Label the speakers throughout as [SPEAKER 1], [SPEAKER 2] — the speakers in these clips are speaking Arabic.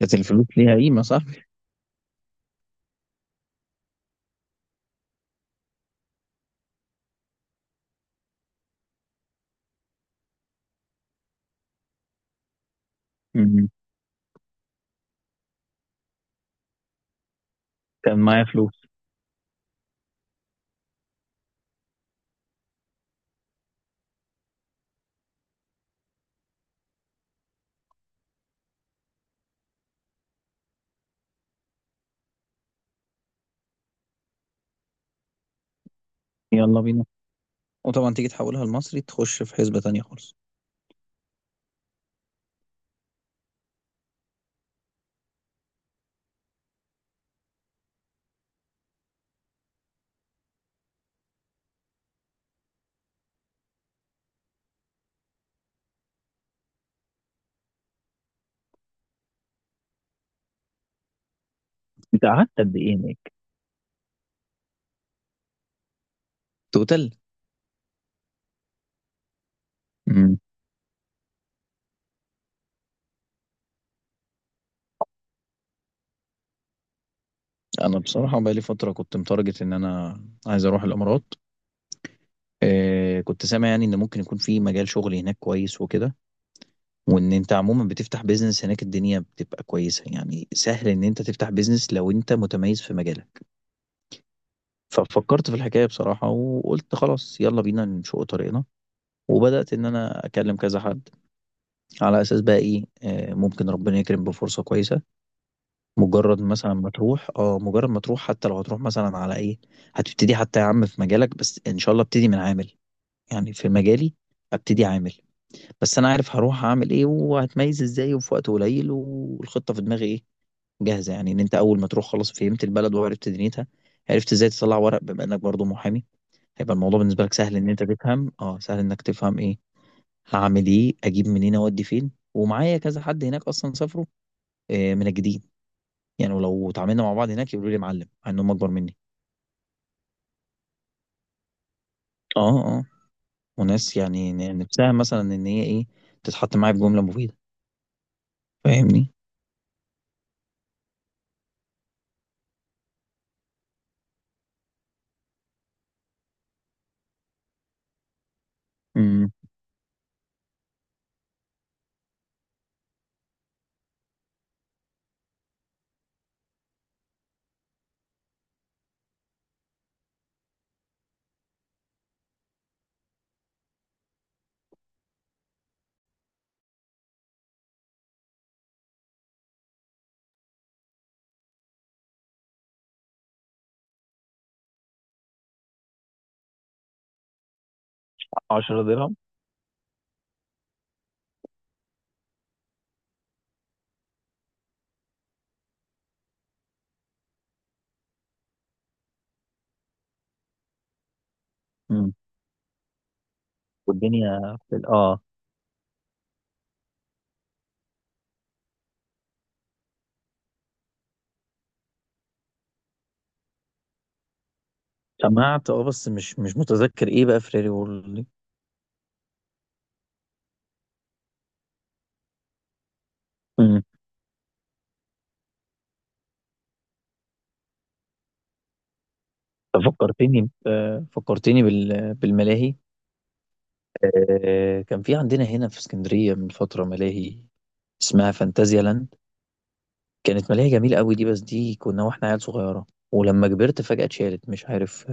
[SPEAKER 1] كانت الفلوس ليها قيمة صح؟ مم. كان معايا فلوس. يلا بينا. وطبعا تيجي تحولها لمصري، تخش في حسبة تانية خالص. انت قعدت قد ايه هناك؟ توتال. مم. انا بصراحة بقالي فترة كنت متارجت ان انا عايز اروح الامارات. كنت سامع يعني ان ممكن يكون في مجال شغل هناك كويس وكده. وان انت عموما بتفتح بيزنس هناك الدنيا بتبقى كويسة، يعني سهل ان انت تفتح بيزنس لو انت متميز في مجالك. ففكرت في الحكاية بصراحة وقلت خلاص يلا بينا نشق طريقنا. وبدأت ان انا اكلم كذا حد، على اساس بقى ايه، ممكن ربنا يكرم بفرصه كويسه. مجرد مثلا ما تروح، مجرد ما تروح حتى لو هتروح مثلا على ايه. هتبتدي حتى يا عم في مجالك، بس ان شاء الله ابتدي من عامل، يعني في مجالي ابتدي عامل. بس انا عارف هروح اعمل ايه وهتميز ازاي وفي وقت قليل، والخطه في دماغي ايه جاهزه. يعني ان انت اول ما تروح خلاص فهمت البلد وعرفت دنيتها، عرفت ازاي تطلع ورق. بما انك برضو محامي، هيبقى الموضوع بالنسبه لك سهل، ان انت تفهم، سهل انك تفهم ايه هعمل، ايه اجيب منين اودي فين. ومعايا كذا حد هناك اصلا سافروا من الجديد. يعني ولو اتعاملنا مع بعض هناك يقولوا لي معلم، مع انهم اكبر مني. اه. اه. وناس يعني نفسها مثلا ان هي ايه تتحط معايا في جمله مفيده، فاهمني. امم. 10 درهم. امم. والدنيا في اه سمعت اه بس مش متذكر ايه بقى فريري وورلد دي. امم. ففكرتني، فكرتني بالملاهي. كان في عندنا هنا في اسكندريه من فتره ملاهي اسمها فانتازيا لاند، كانت مالية جميلة قوي دي، بس دي كنا واحنا عيال صغيرة. ولما كبرت فجأة اتشالت، مش عارف.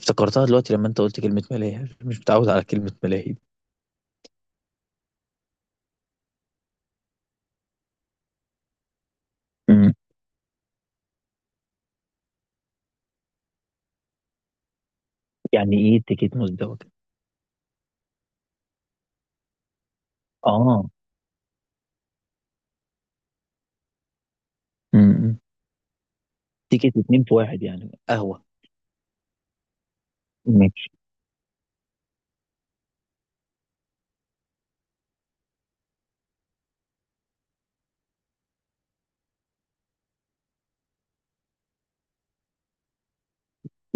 [SPEAKER 1] افتكرتها دلوقتي لما انت قلت كلمة ملاهي مش متعود على كلمة ملاهي دي. أمم. يعني ايه تيكت مزدوجة؟ اه. أمم. تيكت اتنين في واحد يعني قهوة. ماشي.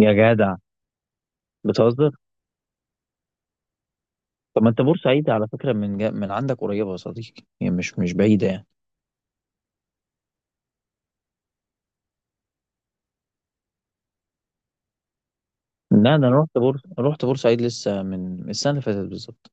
[SPEAKER 1] يا جدع بتهزر. طب ما انت بورسعيد على فكرة من عندك قريبة يا صديقي، يعني مش بعيدة يعني. لا ده انا رحت بورسعيد لسه من السنة اللي فاتت بالظبط.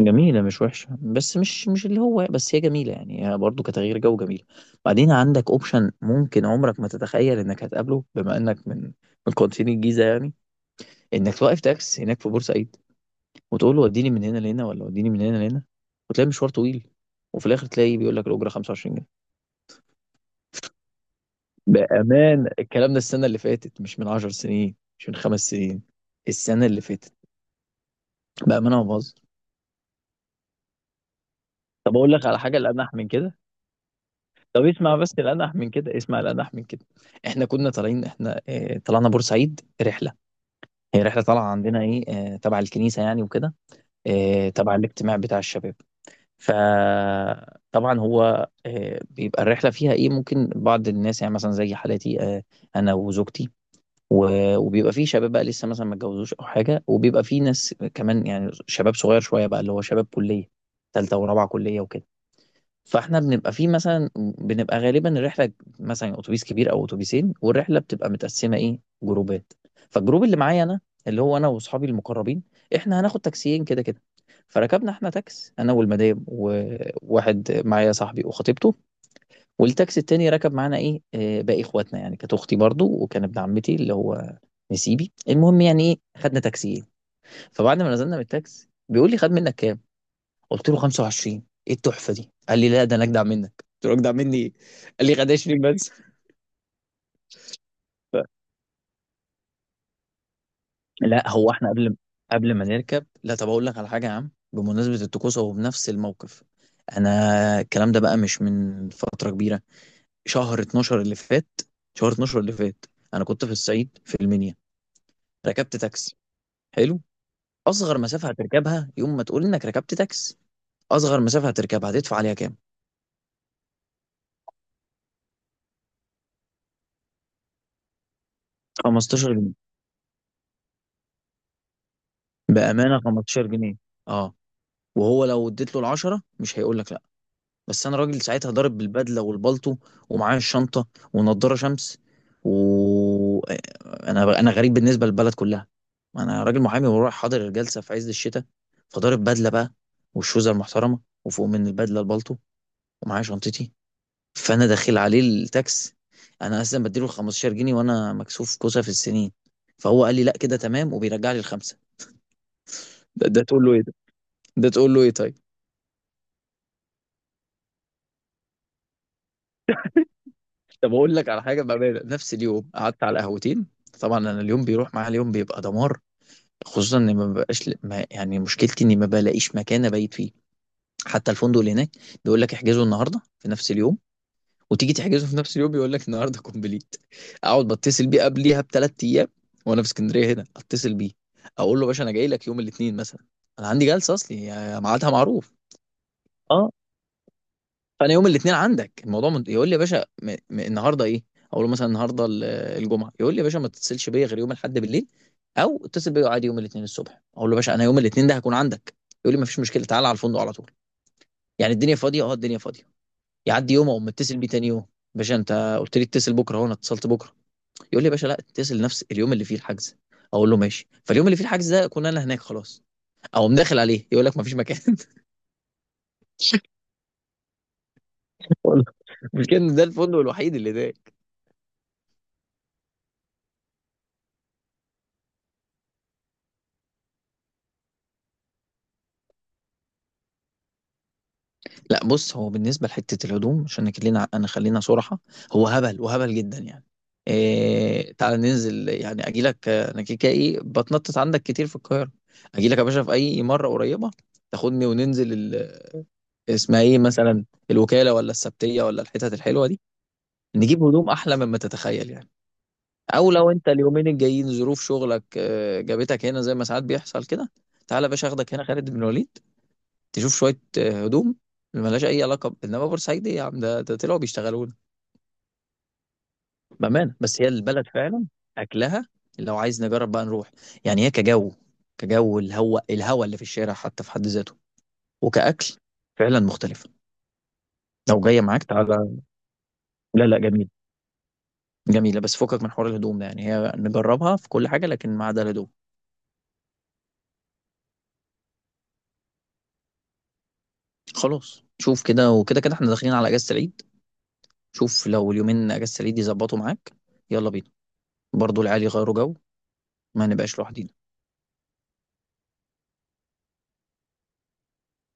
[SPEAKER 1] جميلة مش وحشة، بس مش اللي هو، بس هي جميلة يعني، هي برضه كتغيير جو جميلة. بعدين عندك اوبشن ممكن عمرك ما تتخيل انك هتقابله، بما انك من قناتين الجيزة يعني، انك توقف تاكس هناك في بورسعيد، وتقول له وديني من هنا لهنا ولا وديني من هنا لهنا، وتلاقي مشوار طويل، وفي الاخر تلاقي بيقول لك الأجرة 25 جنيه. بأمان الكلام ده السنة اللي فاتت، مش من 10 سنين، مش من خمس سنين، السنة اللي فاتت. بأمانة ما بهزر. طب اقول لك على حاجة الأنح من كده. طب اسمع بس الانح من كده، اسمع الانح من كده. احنا كنا طالعين، احنا اه طلعنا بورسعيد رحله. هي رحله طالعه عندنا ايه، اه تبع الكنيسه يعني وكده، اه تبع الاجتماع بتاع الشباب. فطبعا هو اه بيبقى الرحله فيها ايه، ممكن بعض الناس يعني مثلا زي حالتي اه انا وزوجتي، وبيبقى فيه شباب بقى لسه مثلا ما اتجوزوش او حاجه، وبيبقى فيه ناس كمان يعني شباب صغير شويه بقى، اللي هو شباب كليه ثالثه ورابعه كليه وكده. فاحنا بنبقى فيه مثلا، بنبقى غالبا الرحله مثلا اتوبيس كبير او اتوبيسين، والرحله بتبقى متقسمه ايه جروبات. فالجروب اللي معايا انا، اللي هو انا واصحابي المقربين، احنا هناخد تاكسيين كده كده. فركبنا احنا تاكس، انا والمدام وواحد معايا صاحبي وخطيبته، والتاكسي التاني ركب معانا ايه، باقي اخواتنا يعني، كانت اختي برضو، وكان ابن عمتي اللي هو نسيبي. المهم يعني ايه خدنا تاكسيين. فبعد ما نزلنا من التاكس بيقول لي خد منك كام؟ قلت له 25. ايه التحفه دي؟ قال لي لا ده انا اجدع منك. قلت له اجدع مني ايه؟ قال لي خدشني بس. لا هو احنا قبل ما نركب لا. طب اقول لك على حاجه يا عم بمناسبه الطقوس، هو بنفس الموقف. انا الكلام ده بقى مش من فتره كبيره، شهر 12 اللي فات، شهر 12 اللي فات. انا كنت في الصعيد في المنيا، ركبت تاكسي. حلو. اصغر مسافه هتركبها يوم ما تقول انك ركبت تاكسي، اصغر مسافه هتركبها هتدفع عليها كام؟ 15 جنيه، بامانه 15 جنيه. اه. وهو لو اديت له العشرة مش هيقول لك لا. بس انا راجل ساعتها ضارب بالبدله والبلطو، ومعايا الشنطه ونضاره شمس، و انا غريب بالنسبه للبلد كلها، انا راجل محامي ورايح حاضر الجلسه في عز الشتاء، فضارب بدله بقى والشوزه المحترمه وفوق من البدله البلطو ومعايا شنطتي. فانا داخل عليه التاكس، انا اصلا بديله 15 جنيه، وانا مكسوف كوسه في السنين. فهو قال لي لا كده تمام، وبيرجع لي الخمسه. ده تقول له ايه ده؟ ده تقول له ايه طيب؟ طب اقول لك على حاجه بامانه، نفس اليوم قعدت على قهوتين. طبعا انا اليوم بيروح معايا، اليوم بيبقى دمار. خصوصا اني ما ببقاش، ما يعني مشكلتي اني ما بلاقيش مكان ابيت فيه. حتى الفندق اللي هناك بيقول لك احجزه النهارده في نفس اليوم، وتيجي تحجزه في نفس اليوم يقول لك النهارده كومبليت. اقعد بتصل بيه قبليها بثلاث ايام، وانا في اسكندريه هنا اتصل بيه، اقول له باشا انا جاي لك يوم الاثنين مثلا، انا عندي جلسه اصلي يعني ميعادها معروف. اه. فانا يوم الاثنين عندك الموضوع يقول لي يا باشا النهارده ايه. اقول له مثلا النهارده الجمعه. يقول لي يا باشا ما تتصلش بيا غير يوم الاحد بالليل، او اتصل بيا عادي يوم الاثنين الصبح. اقول له يا باشا انا يوم الاثنين ده هكون عندك. يقول لي ما فيش مشكله تعالى على الفندق على طول، يعني الدنيا فاضيه اه الدنيا فاضيه. يعدي يوم اقوم متصل بيه تاني يوم، باشا انت قلت لي اتصل بكره اهو انا اتصلت بكره. يقول لي يا باشا لا اتصل نفس اليوم اللي فيه الحجز. اقول له ماشي، فاليوم اللي فيه الحجز ده اكون انا هناك خلاص. اقوم داخل عليه يقول لك ما فيش مكان والله، مش كان ده الفندق الوحيد اللي ده. لا بص، هو بالنسبه لحته الهدوم عشان خلينا انا خلينا صراحه، هو هبل وهبل جدا يعني. إيه تعال ننزل يعني، اجي لك انا كيكا ايه بتنطط عندك كتير في القاهره، اجي لك يا باشا في اي مره قريبه تاخدني وننزل اسمها ايه مثلا، الوكاله ولا السبتيه ولا الحتت الحلوه دي، نجيب هدوم احلى مما تتخيل يعني. او لو انت اليومين الجايين ظروف شغلك جابتك هنا زي ما ساعات بيحصل كده، تعالى يا باشا اخدك هنا خالد بن الوليد تشوف شويه هدوم ملهاش اي علاقه انما بورسعيد ايه يا عم، ده طلعوا بيشتغلوا لنا بامانه، بس هي البلد فعلا اكلها. لو عايز نجرب بقى نروح، يعني هي كجو، كجو الهواء، الهواء اللي في الشارع حتى في حد ذاته، وكاكل فعلا مختلفه. لو جايه معاك تعالى. لا لا جميل. جميلة، بس فكك من حوار الهدوم ده، يعني هي نجربها في كل حاجة لكن ما عدا الهدوم. خلاص شوف كده، وكده كده احنا داخلين على اجازة العيد، شوف لو اليومين اجازة العيد يظبطوا معاك، يلا بينا، برضو العيال يغيروا جو، ما نبقاش لوحدنا.